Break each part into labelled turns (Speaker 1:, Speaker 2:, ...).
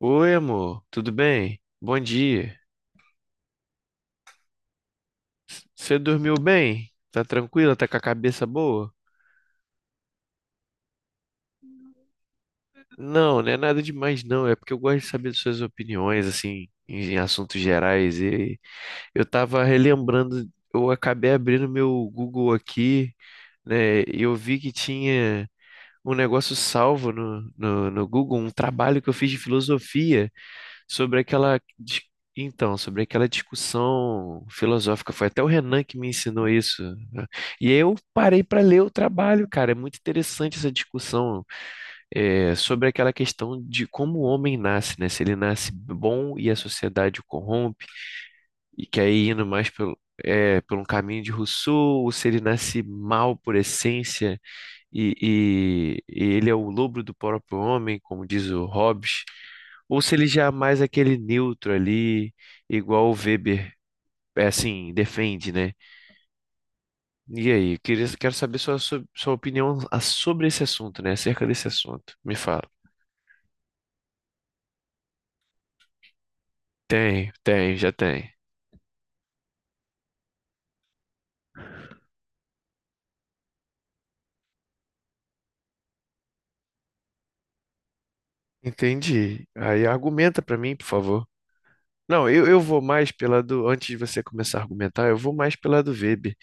Speaker 1: Oi, amor, tudo bem? Bom dia. Você dormiu bem? Tá tranquila? Tá com a cabeça boa? Não, não é nada demais, não. É porque eu gosto de saber de suas opiniões, assim, em assuntos gerais. E eu tava relembrando, eu acabei abrindo meu Google aqui, né? E eu vi que tinha um negócio salvo no Google, um trabalho que eu fiz de filosofia. sobre aquela dis- então, sobre aquela discussão filosófica, foi até o Renan que me ensinou isso, né? E eu parei para ler o trabalho, cara. É muito interessante essa discussão, é, sobre aquela questão de como o homem nasce, né? Se ele nasce bom e a sociedade o corrompe, e que aí indo mais pelo, é, por um caminho de Rousseau, ou se ele nasce mal por essência e, e ele é o lobo do próprio homem, como diz o Hobbes, ou se ele já é mais aquele neutro ali, igual o Weber, é, assim, defende, né? E aí, eu queria, quero saber sua opinião a- sobre esse assunto, né? Acerca desse assunto. Me fala. Tem, tem, já tem. Entendi. Aí argumenta pra mim, por favor. Não, eu vou mais pela do. Antes de você começar a argumentar, eu vou mais pela do Weber.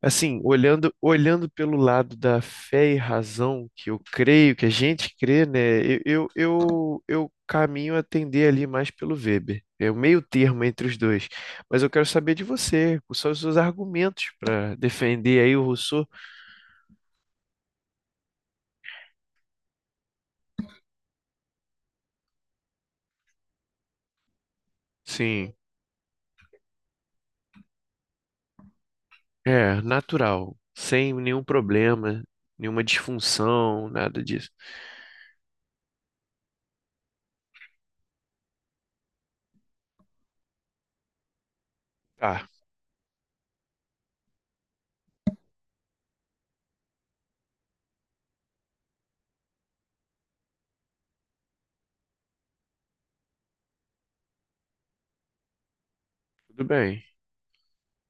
Speaker 1: Assim, olhando pelo lado da fé e razão, que eu creio, que a gente crê, né? Eu caminho a tender ali mais pelo Weber. É o meio termo entre os dois. Mas eu quero saber de você, quais são os seus argumentos para defender aí o Rousseau. Sim, é natural, sem nenhum problema, nenhuma disfunção, nada disso. Tá, tudo bem.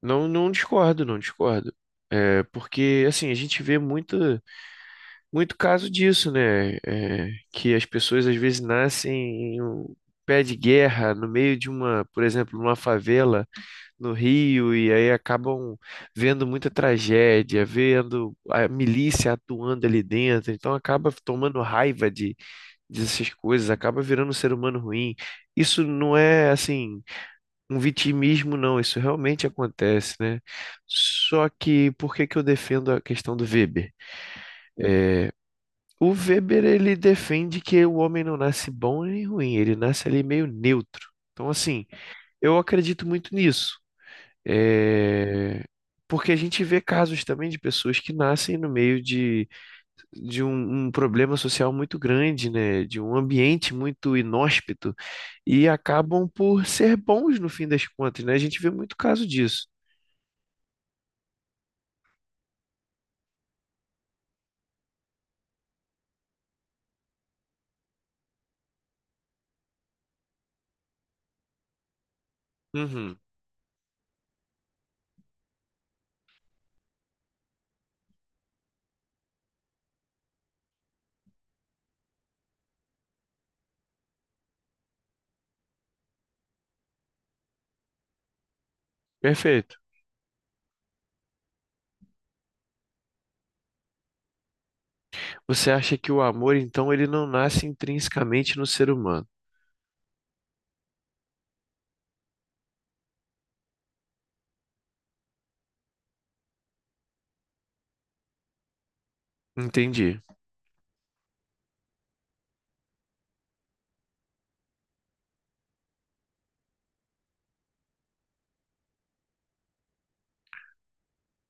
Speaker 1: Não, não discordo, não discordo. É, porque, assim, a gente vê muito, muito caso disso, né? É, que as pessoas às vezes nascem em um pé de guerra, no meio de uma, por exemplo, numa favela no Rio, e aí acabam vendo muita tragédia, vendo a milícia atuando ali dentro, então acaba tomando raiva dessas coisas, acaba virando um ser humano ruim. Isso não é assim um vitimismo, não, isso realmente acontece, né? Só que por que que eu defendo a questão do Weber? O Weber ele defende que o homem não nasce bom nem ruim, ele nasce ali meio neutro. Então, assim, eu acredito muito nisso. É, porque a gente vê casos também de pessoas que nascem no meio de, de um problema social muito grande, né? De um ambiente muito inóspito e acabam por ser bons no fim das contas, né? A gente vê muito caso disso. Uhum, perfeito. Você acha que o amor, então, ele não nasce intrinsecamente no ser humano? Entendi.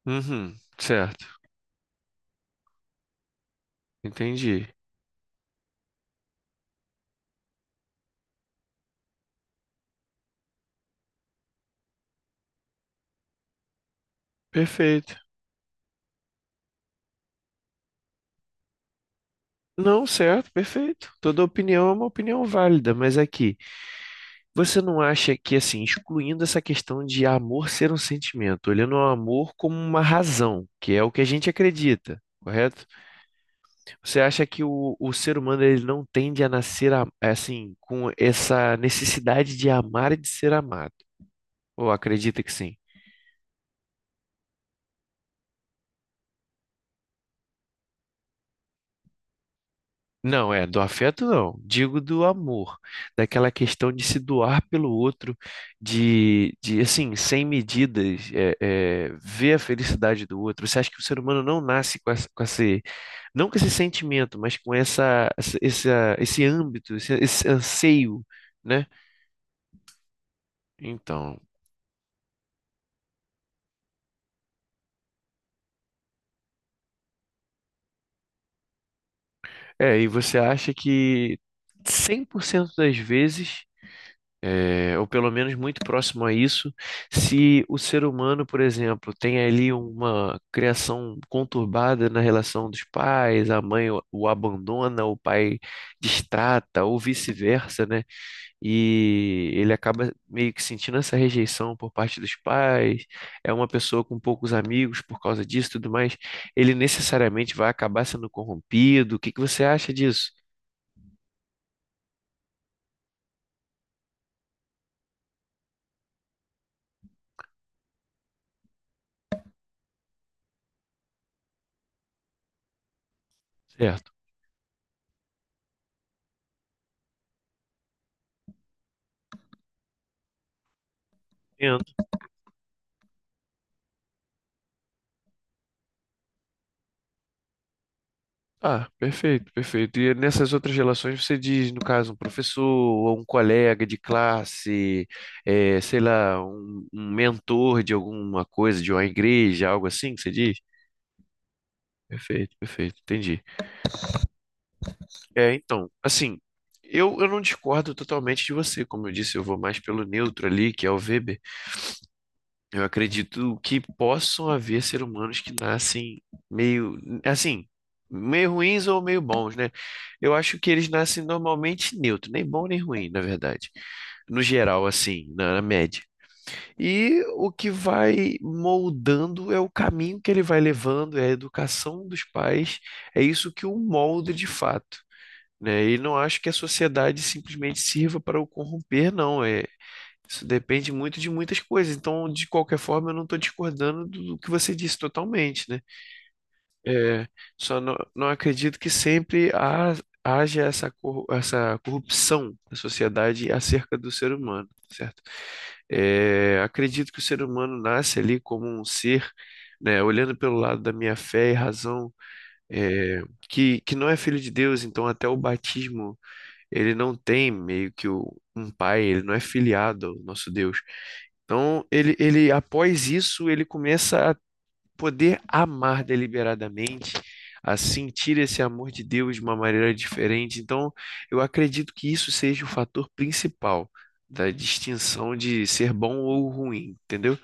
Speaker 1: Uhum, certo, entendi. Perfeito. Não, certo, perfeito. Toda opinião é uma opinião válida, mas aqui, você não acha que, assim, excluindo essa questão de amor ser um sentimento, olhando o amor como uma razão, que é o que a gente acredita, correto? Você acha que o ser humano ele não tende a nascer, a- assim, com essa necessidade de amar e de ser amado? Ou acredita que sim? Não, é, do afeto não, digo do amor, daquela questão de se doar pelo outro, de assim, sem medidas, é, é, ver a felicidade do outro. Você acha que o ser humano não nasce com esse, não com esse sentimento, mas com esse âmbito, esse anseio, né? Então, é, e você acha que 100% das vezes é, ou pelo menos muito próximo a isso, se o ser humano, por exemplo, tem ali uma criação conturbada na relação dos pais, a mãe o abandona, o pai destrata, ou vice-versa, né? E ele acaba meio que sentindo essa rejeição por parte dos pais, é uma pessoa com poucos amigos por causa disso e tudo mais, ele necessariamente vai acabar sendo corrompido. O que que você acha disso? Certo. Ah, perfeito, perfeito. E nessas outras relações você diz, no caso, um professor ou um colega de classe, eh, sei lá, um mentor de alguma coisa, de uma igreja, algo assim que você diz? Perfeito, perfeito, entendi. É, então, assim, eu não discordo totalmente de você. Como eu disse, eu vou mais pelo neutro ali, que é o Weber. Eu acredito que possam haver seres humanos que nascem meio, assim, meio ruins ou meio bons, né? Eu acho que eles nascem normalmente neutro, nem bom nem ruim, na verdade. No geral, assim, na média. E o que vai moldando é o caminho que ele vai levando, é a educação dos pais, é isso que o molda de fato. Né? E não acho que a sociedade simplesmente sirva para o corromper, não. É, isso depende muito de muitas coisas. Então, de qualquer forma, eu não estou discordando do que você disse totalmente, né? É, só não, não acredito que sempre haja essa, essa corrupção na sociedade acerca do ser humano, certo? É, acredito que o ser humano nasce ali como um ser, né? Olhando pelo lado da minha fé e razão, é, que não é filho de Deus, então até o batismo ele não tem meio que o- um pai, ele não é filiado ao nosso Deus. Então, ele, após isso, ele começa a poder amar deliberadamente, a sentir esse amor de Deus de uma maneira diferente. Então, eu acredito que isso seja o fator principal da distinção de ser bom ou ruim, entendeu?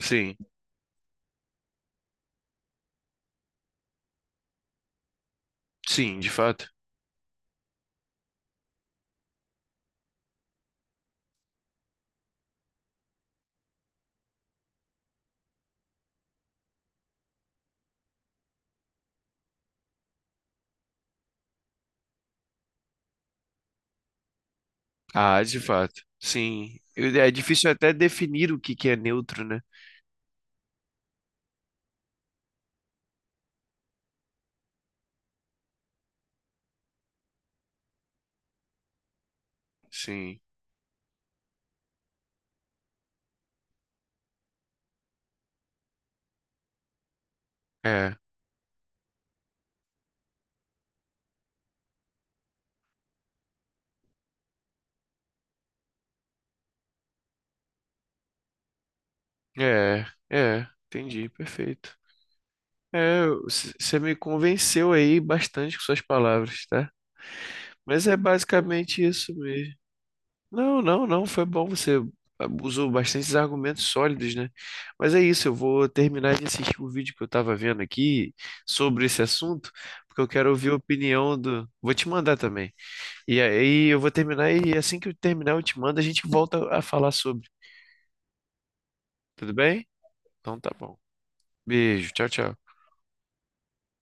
Speaker 1: Sim, sim, de fato. Ah, de fato. Sim. Eu- É difícil até definir o que que é neutro, né? Sim. É, é, é. Entendi, perfeito. É, você me convenceu aí bastante com suas palavras, tá? Mas é basicamente isso mesmo. Não, não, não, foi bom, você usou bastantes argumentos sólidos, né? Mas é isso, eu vou terminar de assistir o vídeo que eu tava vendo aqui sobre esse assunto, porque eu quero ouvir a opinião do. Vou te mandar também. E aí eu vou terminar e assim que eu terminar, eu te mando, a gente volta a falar sobre. Tudo bem? Então tá bom. Beijo, tchau, tchau.